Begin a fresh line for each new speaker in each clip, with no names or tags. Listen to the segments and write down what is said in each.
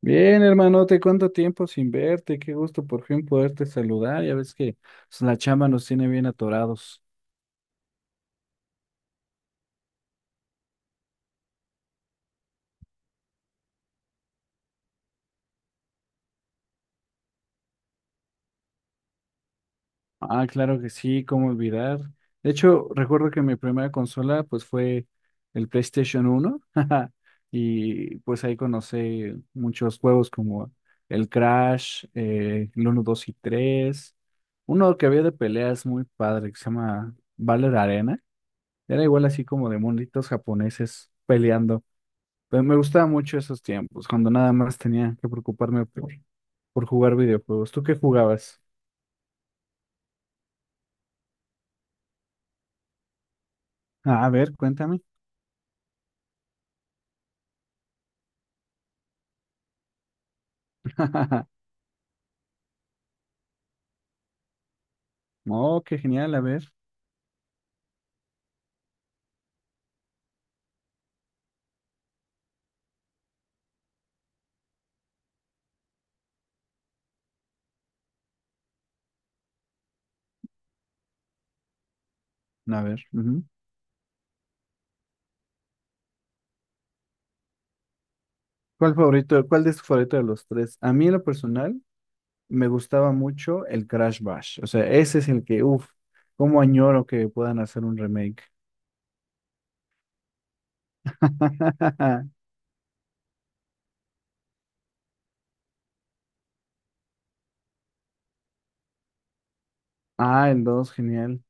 Bien, hermanote, ¿cuánto tiempo sin verte? Qué gusto por fin poderte saludar. Ya ves que pues, la chamba nos tiene bien atorados. Ah, claro que sí, cómo olvidar. De hecho, recuerdo que mi primera consola pues fue el PlayStation uno y pues ahí conocí muchos juegos como el Crash, el 1, 2 y tres, uno que había de peleas muy padre que se llama Valor Arena. Era igual así como de monitos japoneses peleando. Pero me gustaban mucho esos tiempos, cuando nada más tenía que preocuparme por jugar videojuegos. ¿Tú qué jugabas? Ah, a ver, cuéntame. Oh, qué genial, a ver, a ver. Ujú. ¿Cuál favorito, cuál es tu favorito de los tres? A mí en lo personal me gustaba mucho el Crash Bash. O sea, ese es el que, uff, cómo añoro que puedan hacer un remake. Ah, el 2, genial.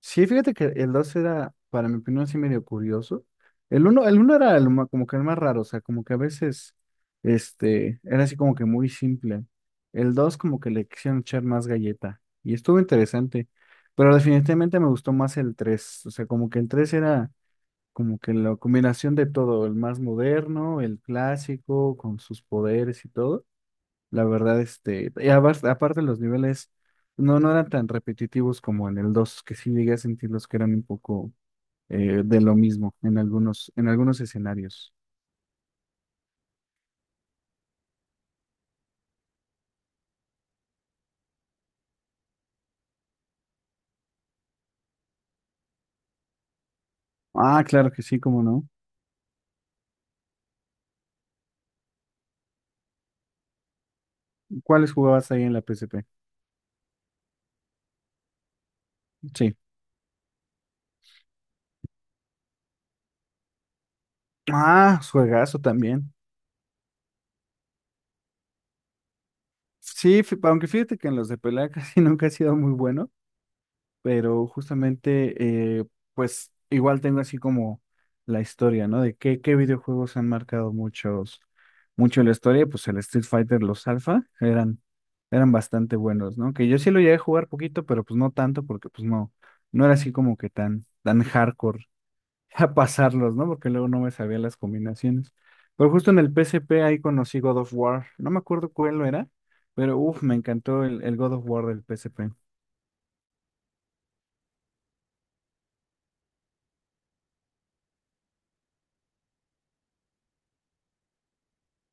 Sí, fíjate que el 2 era, para mi opinión, sí medio curioso. El uno era el como que el más raro, o sea, como que a veces era así como que muy simple. El 2 como que le quisieron echar más galleta y estuvo interesante, pero definitivamente me gustó más el tres, o sea, como que el 3 era como que la combinación de todo, el más moderno, el clásico, con sus poderes y todo. La verdad, aparte los niveles no eran tan repetitivos como en el dos, que sí llegué a sentirlos que eran un poco de lo mismo en algunos escenarios. Ah, claro que sí, cómo no. ¿Cuáles jugabas ahí en la PSP? Sí. Ah, juegazo también. Aunque fíjate que en los de pelea casi nunca he sido muy bueno. Pero justamente, pues igual tengo así como la historia, ¿no? De qué, qué videojuegos han marcado muchos, mucho la historia, pues el Street Fighter, los Alpha, eran, eran bastante buenos, ¿no? Que yo sí lo llegué a jugar poquito, pero pues no tanto, porque pues no, no era así como que tan, tan hardcore a pasarlos, ¿no? Porque luego no me sabía las combinaciones. Pero justo en el P S P ahí conocí God of War, no me acuerdo cuál lo era, pero uff, me encantó el God of War del P PSP.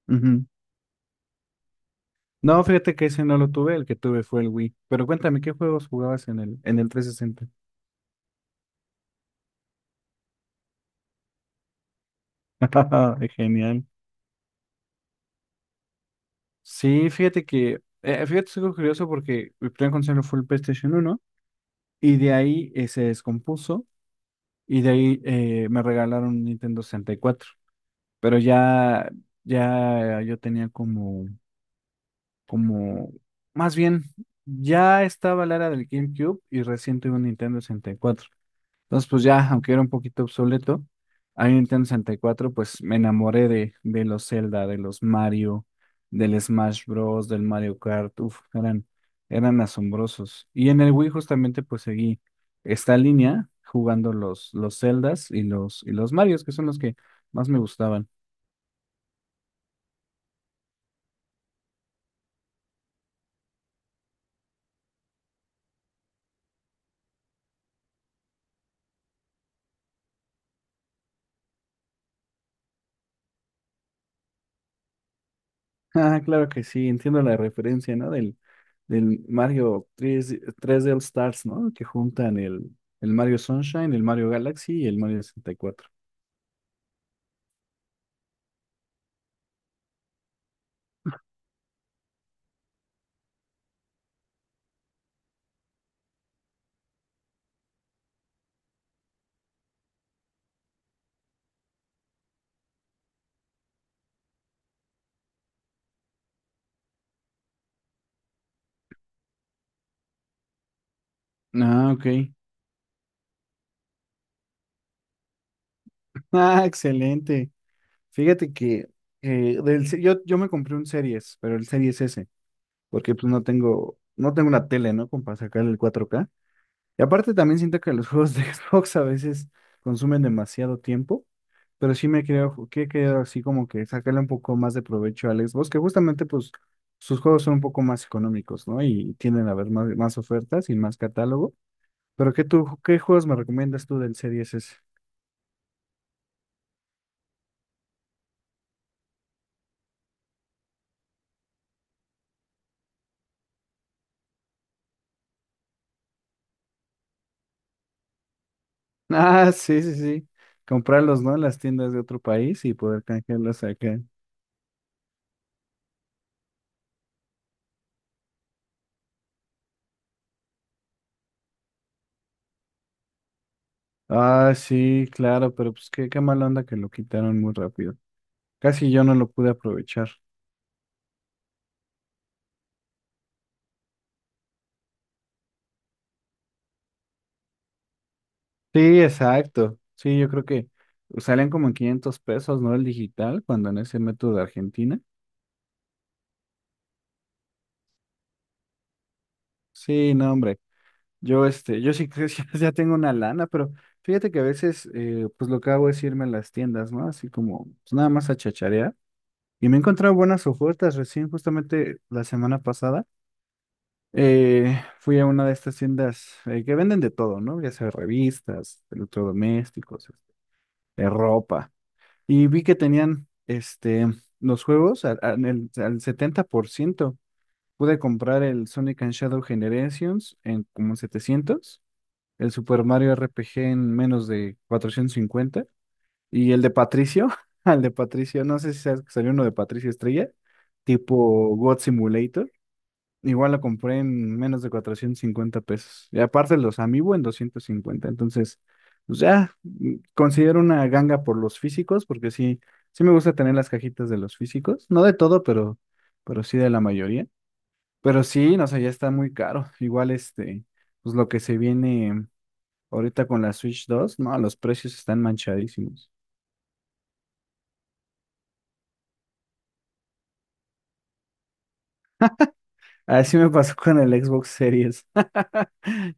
Ujú. No, fíjate que ese no lo tuve, el que tuve fue el Wii. Pero cuéntame, ¿qué juegos jugabas en el 360? Genial. Sí, fíjate que, fíjate, es algo curioso porque mi primer consola fue el PlayStation uno y de ahí se descompuso y de ahí me regalaron un Nintendo 64. Pero ya, ya yo tenía como, como, más bien, ya estaba la era del GameCube y recién tuve un Nintendo 64. Entonces, pues ya, aunque era un poquito obsoleto, ahí en Nintendo 64 pues me enamoré de los Zelda, de los Mario, del Smash Bros., del Mario Kart, uf, eran, eran asombrosos. Y en el Wii justamente pues seguí esta línea jugando los Zeldas y los Marios, que son los que más me gustaban. Ah, claro que sí, entiendo la referencia, ¿no? Del, del Mario tres d All Stars, ¿no? Que juntan el Mario Sunshine, el Mario Galaxy y el Mario 64. Ah, ok. Ah, excelente. Fíjate que yo me compré un Series, pero el Series S, porque pues no tengo, no tengo una tele, ¿no? Como para sacar el 4K. Y aparte también siento que los juegos de Xbox a veces consumen demasiado tiempo, pero sí me creo que he querido así como que sacarle un poco más de provecho al Xbox, que justamente pues sus juegos son un poco más económicos, ¿no? Y tienden a haber más, más ofertas y más catálogo. Pero ¿qué, tú, qué juegos me recomiendas tú del Series S? Ah, sí, sí, sí. Comprarlos, ¿no? En las tiendas de otro país y poder canjearlos acá. Ah, sí, claro, pero pues qué, qué mala onda que lo quitaron muy rápido. Casi yo no lo pude aprovechar. Sí, exacto. Sí, yo creo que salen como en 500 pesos, ¿no? El digital, cuando en ese método de Argentina. Sí, no, hombre. Yo, yo sí que ya tengo una lana, pero fíjate que a veces, pues lo que hago es irme a las tiendas, ¿no? Así como, pues nada más a chacharear. Y me he encontrado buenas ofertas recién, justamente la semana pasada. Fui a una de estas tiendas, que venden de todo, ¿no? Ya sea revistas, electrodomésticos, de ropa. Y vi que tenían los juegos al 70%. Pude comprar el Sonic and Shadow Generations en como 700, el Super Mario RPG en menos de 450 y el de Patricio, al de Patricio, no sé si sabes que salió uno de Patricio Estrella, tipo God Simulator. Igual lo compré en menos de 450 pesos. Y aparte los Amiibo en 250. Entonces, pues ya, mm, considero una ganga por los físicos, porque sí, sí me gusta tener las cajitas de los físicos. No de todo, pero sí de la mayoría. Pero sí, no sé, ya está muy caro. Igual pues lo que se viene ahorita con la Switch 2, no, los precios están manchadísimos. Así me pasó con el Xbox Series.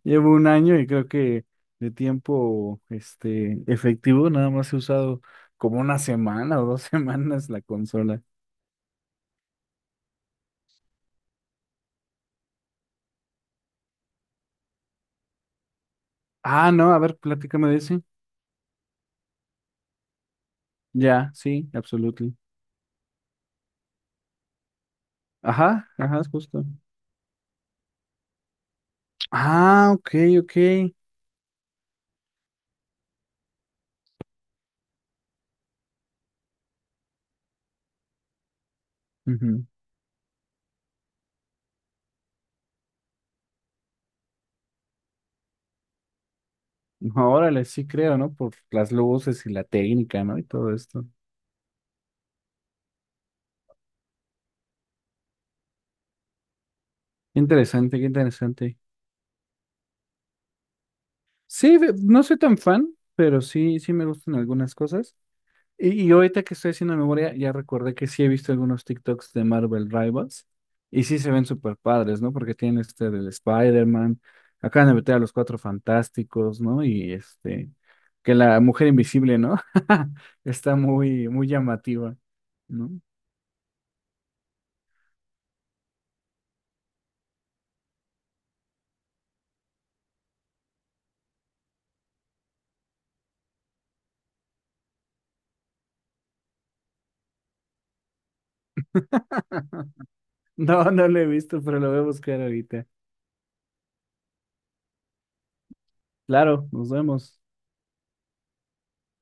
Llevo un año y creo que de tiempo efectivo nada más he usado como una semana o dos semanas la consola. Ah, no, a ver, platícame de ese. Ya, sí, absolutely. Ajá, ajá, es justo. Ah, ok, ok. Ujú. Órale, sí creo, ¿no? Por las luces y la técnica, ¿no? Y todo esto. Interesante, qué interesante. Sí, no soy tan fan, pero sí, sí me gustan algunas cosas. Y ahorita que estoy haciendo memoria, ya recordé que sí he visto algunos TikToks de Marvel Rivals y sí se ven súper padres, ¿no? Porque tienen este del Spider-Man, acaban de meter a los Cuatro Fantásticos, ¿no? Y que la Mujer Invisible, ¿no? Está muy, muy llamativa, ¿no? No, no lo he visto, pero lo voy a buscar ahorita. Claro, nos vemos.